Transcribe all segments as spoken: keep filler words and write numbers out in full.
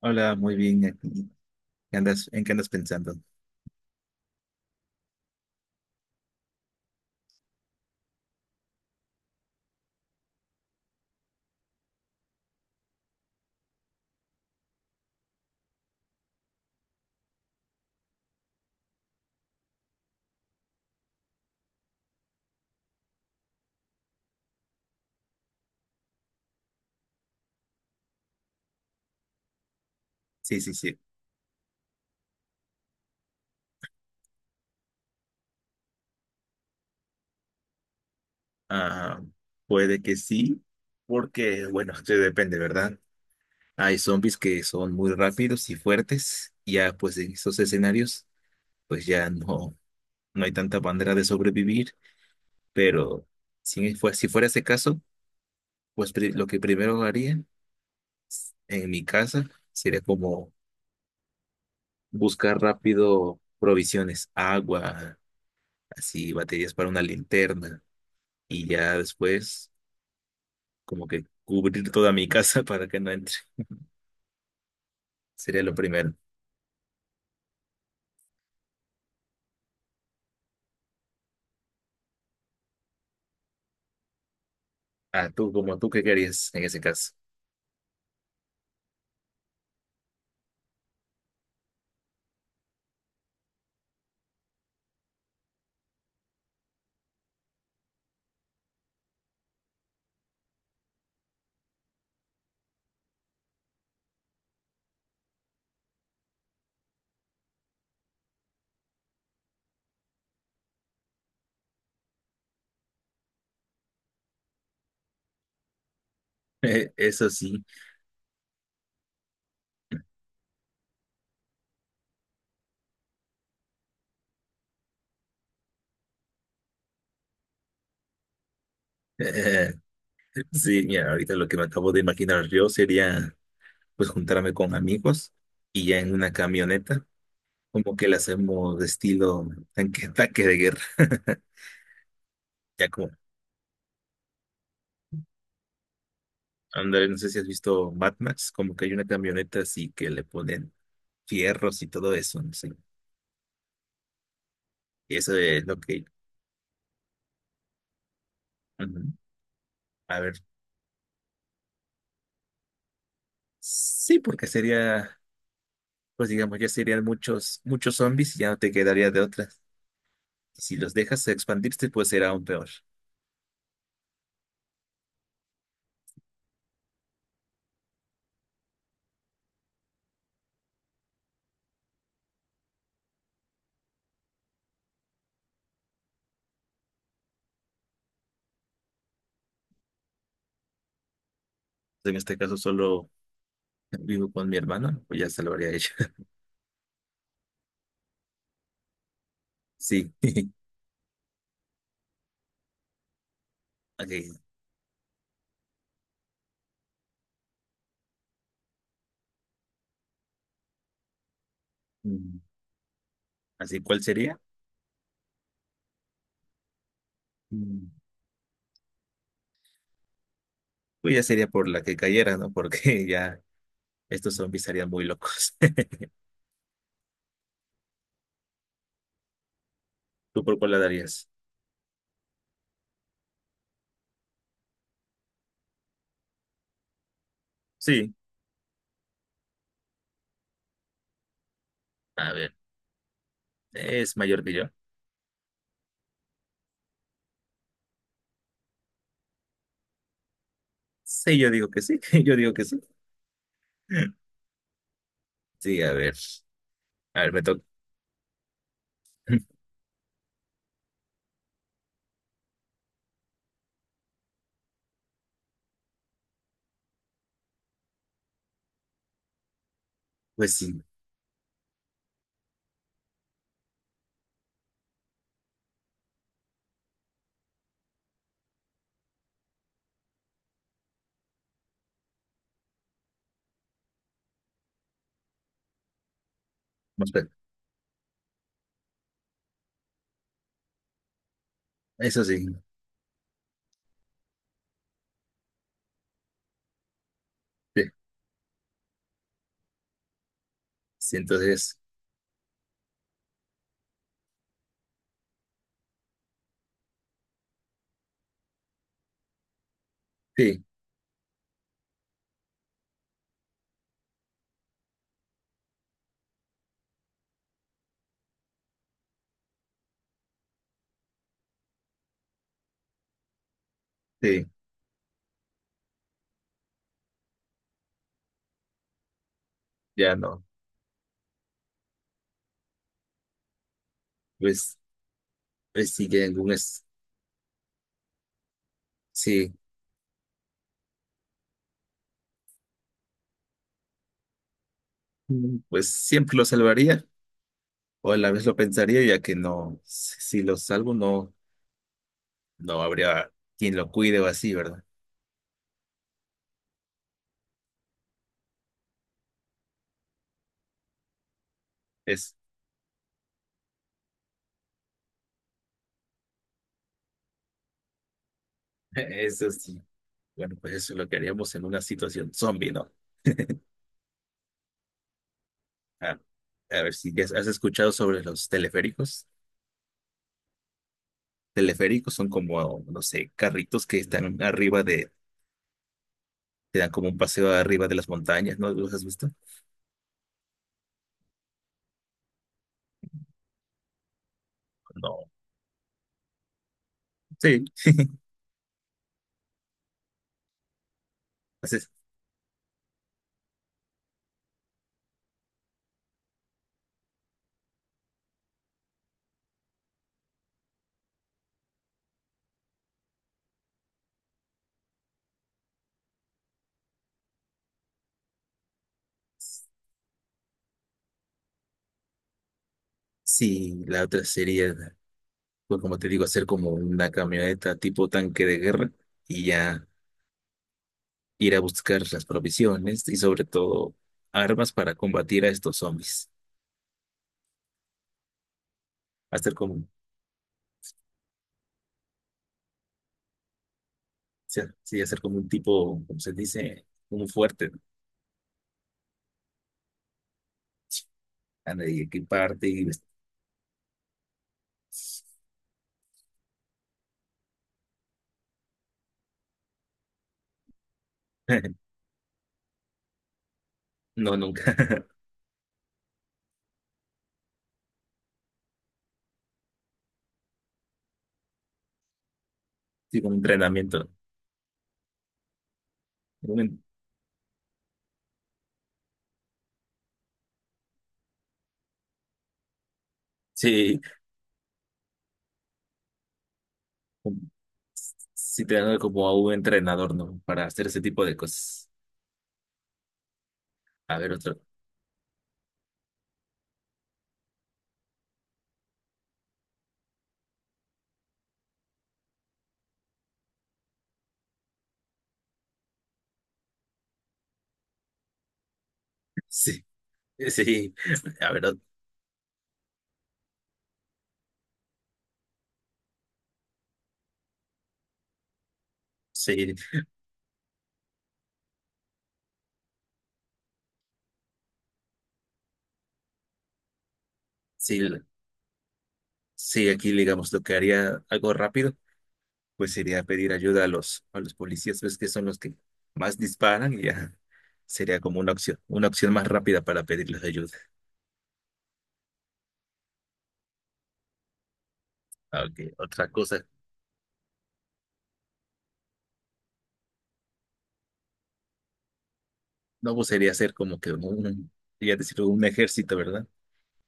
Hola, muy bien. Aquí. ¿Qué andas, en qué andas pensando? Sí, sí, sí. Ah, puede que sí, porque, bueno, eso depende, ¿verdad? Hay zombies que son muy rápidos y fuertes, y ya pues en esos escenarios, pues ya no, no hay tanta manera de sobrevivir, pero si, fue, si fuera ese caso, pues pri- lo que primero haría en mi casa sería como buscar rápido provisiones, agua, así baterías para una linterna, y ya después como que cubrir toda mi casa para que no entre. Sería lo primero. Ah, tú, como tú, ¿qué querías en ese caso? Eso sí. Eh, sí, mira, ahorita lo que me acabo de imaginar yo sería pues juntarme con amigos y ya en una camioneta, como que la hacemos de estilo tanque, tanque de guerra. Ya como, ándale, no sé si has visto Mad Max, como que hay una camioneta así que le ponen fierros y todo eso, no sé. Y eso es lo que... Ujú. A ver, sí, porque sería, pues digamos, ya serían muchos, muchos zombies y ya no te quedaría de otras. Si los dejas expandirse, pues será aún peor. En este caso solo vivo con mi hermano, pues ya se lo haría ella. Sí. Ok. Mm, así, ¿cuál sería? Mm, pues ya sería por la que cayera, ¿no? Porque ya estos zombies estarían muy locos. ¿Tú por cuál la darías? Sí. A ver, ¿es mayor que yo? Sí, yo digo que sí. Yo digo que sí. Sí, a ver. A ver, me toca. Pues sí. Vamos a ver. Eso sí. Sí, sí, entonces, sí. Sí, ya no. Pues, pues sí que algún es, sí, mm. Pues siempre lo salvaría o a la vez lo pensaría ya que no, si, si lo salvo, no no habría quien lo cuide o así, ¿verdad? Es, eso sí. Bueno, pues eso es lo que haríamos en una situación zombie, ¿no? Ah, a ver si ya has escuchado sobre los teleféricos. Teleféricos son como, no sé, carritos que están arriba de, te dan como un paseo arriba de las montañas, ¿no? ¿Los has visto? No. Sí. Sí, la otra sería, pues como te digo, hacer como una camioneta tipo tanque de guerra y ya ir a buscar las provisiones y sobre todo armas para combatir a estos zombies. Hacer como, o sea, sí, hacer como un tipo, como se dice, un fuerte, ¿no? Ah, y equiparte y... vest- No, nunca. Sí, como un entrenamiento. ¿No? Un- Sí, un- sí, tener como a un entrenador, ¿no? Para hacer ese tipo de cosas. A ver, otro. Sí, sí. A ver, sí, sí, sí, aquí digamos lo que haría algo rápido, pues sería pedir ayuda a los, a los policías, ves que son los que más disparan y ya sería como una opción, una opción más rápida para pedirles ayuda. Aunque otra cosa, no, pues sería hacer como que un, ya decir, un ejército, ¿verdad?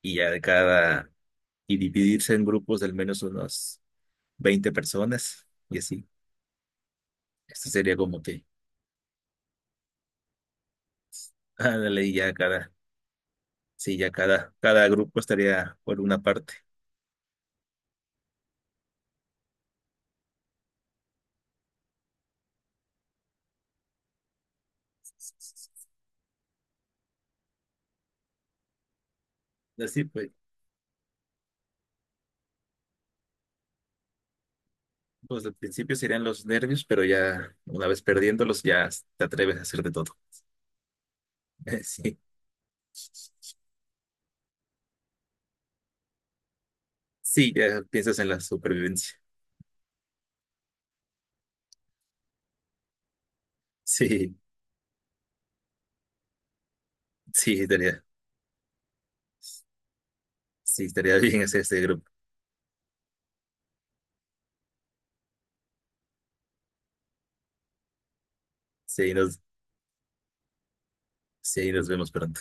Y ya de cada, y dividirse en grupos de al menos unos veinte personas y así. Esto sería como que, ándale, y ya cada, sí, ya cada, cada grupo estaría por una parte. Así pues. Pues al principio serían los nervios, pero ya una vez perdiéndolos ya te atreves a hacer de todo. Sí, sí, ya piensas en la supervivencia. Sí, sí, estaría, sí, estaría bien hacer este grupo. Sí, nos, sí, nos vemos pronto.